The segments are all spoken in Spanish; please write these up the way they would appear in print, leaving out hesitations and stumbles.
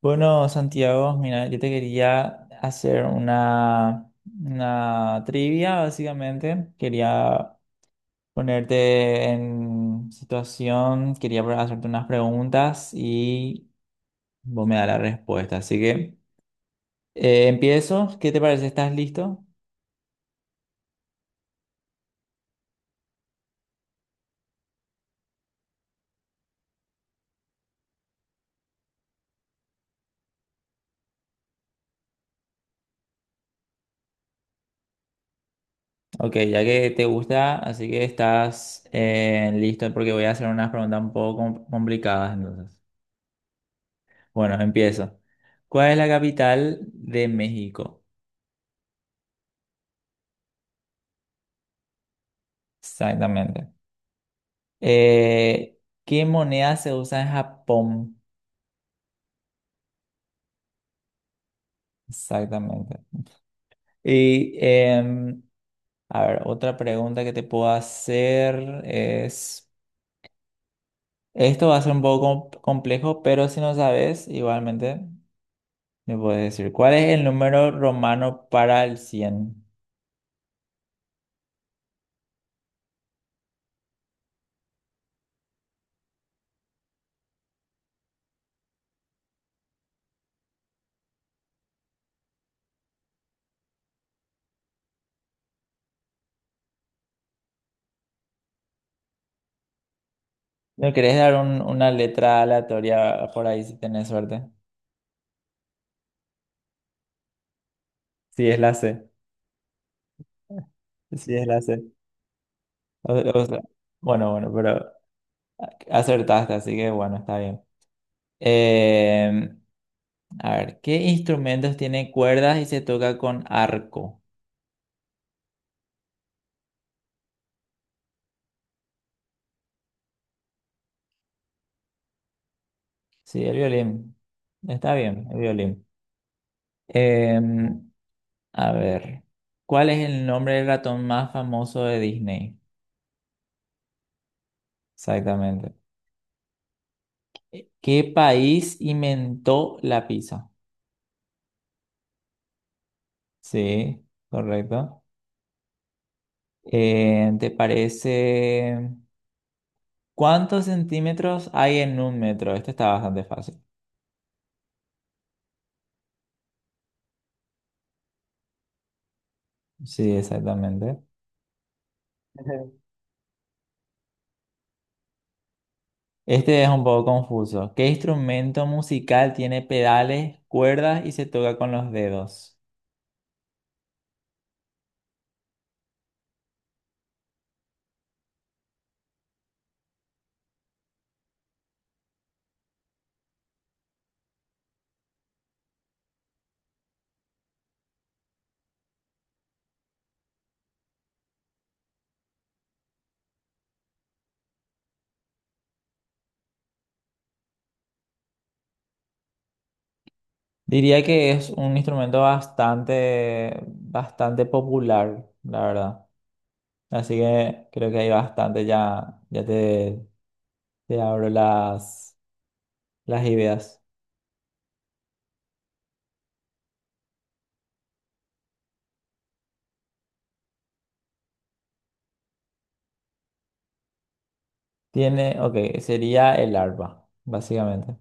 Bueno, Santiago, mira, yo te quería hacer una trivia, básicamente. Quería ponerte en situación, quería hacerte unas preguntas y vos me das la respuesta. Así que empiezo. ¿Qué te parece? ¿Estás listo? Ok, ya que te gusta, así que estás listo porque voy a hacer unas preguntas un poco complicadas entonces. Bueno, empiezo. ¿Cuál es la capital de México? Exactamente. Eh, ¿Qué moneda se usa en Japón? Exactamente. Y a ver, otra pregunta que te puedo hacer es, esto va a ser un poco complejo, pero si no sabes, igualmente me puedes decir, ¿cuál es el número romano para el cien? ¿No querés dar una letra aleatoria por ahí si tenés suerte? Sí, es la C. Sí, es la C. O sea, bueno, pero acertaste, así que bueno, está bien. Eh, a ver, ¿qué instrumentos tienen cuerdas y se toca con arco? Sí, el violín. Está bien, el violín. Eh, a ver, ¿cuál es el nombre del ratón más famoso de Disney? Exactamente. ¿Qué país inventó la pizza? Sí, correcto. ¿Te parece? ¿Cuántos centímetros hay en un metro? Este está bastante fácil. Sí, exactamente. Este es un poco confuso. ¿Qué instrumento musical tiene pedales, cuerdas y se toca con los dedos? Diría que es un instrumento bastante popular, la verdad. Así que creo que hay bastante, ya te abro las ideas. Tiene, ok, sería el arpa, básicamente.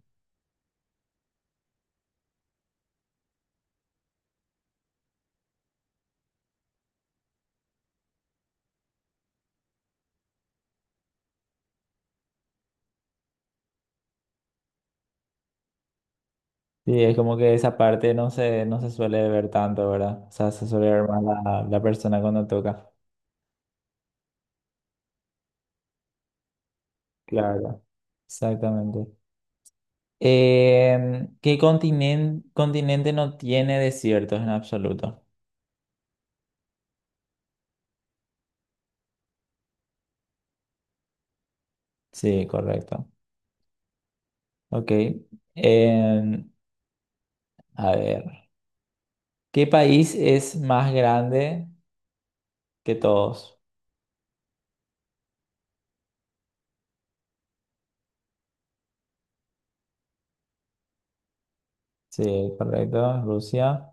Sí, es como que esa parte no se suele ver tanto, ¿verdad? O sea, se suele ver más la persona cuando toca. Claro. Exactamente. ¿Qué continente no tiene desiertos en absoluto? Sí, correcto. Ok. Em, a ver. ¿Qué país es más grande que todos? Sí, correcto, Rusia.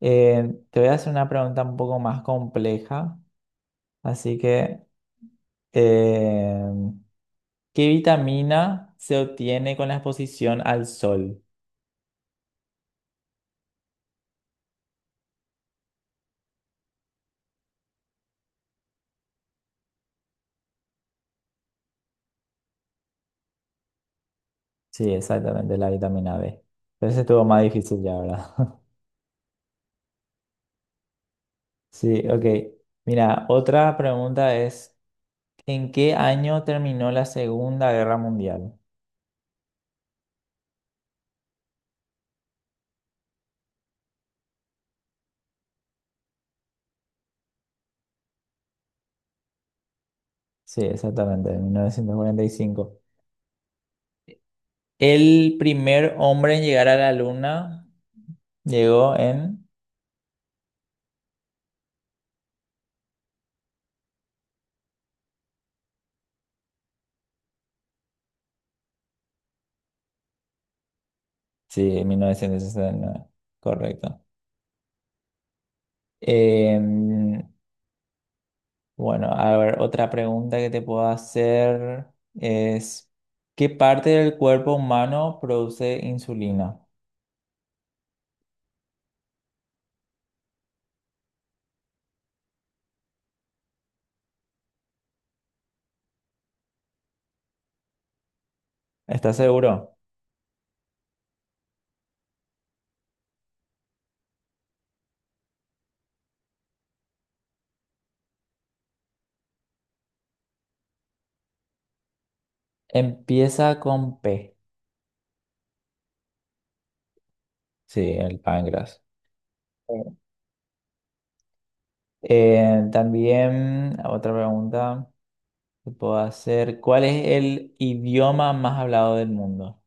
Em, te voy a hacer una pregunta un poco más compleja. Así que, em, ¿qué vitamina se obtiene con la exposición al sol? Sí, exactamente, la vitamina B. Pero ese estuvo más difícil ya, ¿verdad? Sí, ok. Mira, otra pregunta es, ¿en qué año terminó la Segunda Guerra Mundial? Sí, exactamente, en 1945. El primer hombre en llegar a la Luna llegó en... Sí, en 1969, correcto. Em, bueno, a ver, otra pregunta que te puedo hacer es, ¿qué parte del cuerpo humano produce insulina? ¿Estás seguro? Empieza con P. Sí, el páncreas. También otra pregunta que puedo hacer. ¿Cuál es el idioma más hablado del mundo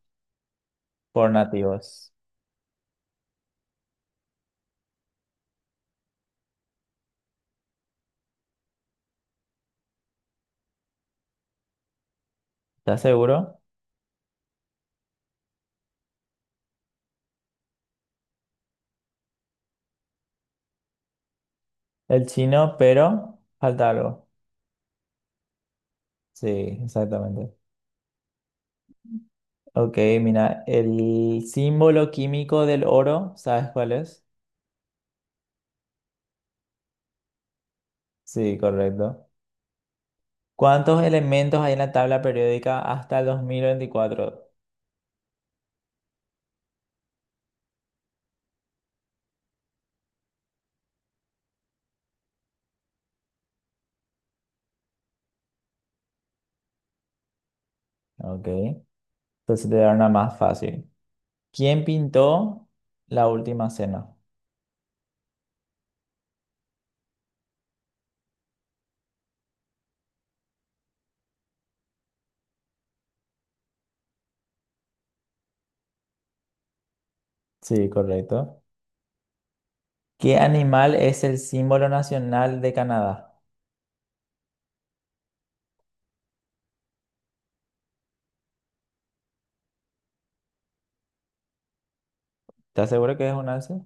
por nativos? ¿Estás seguro? El chino, pero falta algo. Sí, exactamente. Ok, mira, el símbolo químico del oro, ¿sabes cuál es? Sí, correcto. ¿Cuántos elementos hay en la tabla periódica hasta el 2024? Ok, entonces te dará una más fácil. ¿Quién pintó la última cena? Sí, correcto. ¿Qué animal es el símbolo nacional de Canadá? ¿Estás seguro que es un alce?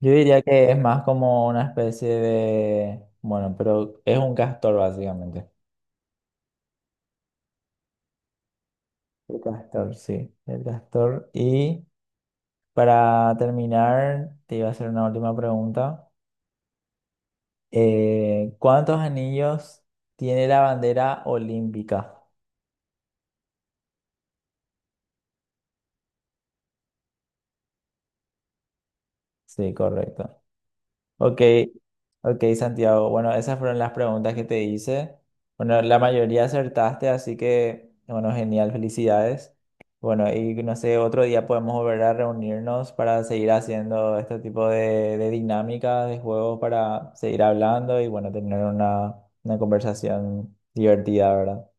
Yo diría que es más como una especie de... Bueno, pero es un castor básicamente. El castor, sí, el castor. Y para terminar, te iba a hacer una última pregunta. ¿Cuántos anillos tiene la bandera olímpica? Sí, correcto. Ok, ok, Santiago. Bueno, esas fueron las preguntas que te hice. Bueno, la mayoría acertaste, así que, bueno, genial, felicidades. Bueno, y no sé, otro día podemos volver a reunirnos para seguir haciendo este tipo de dinámicas, de juegos, para seguir hablando y, bueno, tener una conversación divertida, ¿verdad?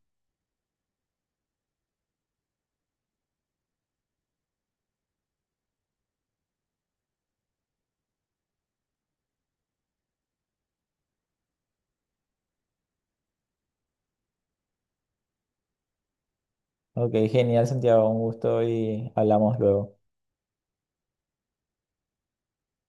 Ok, genial, Santiago, un gusto y hablamos luego.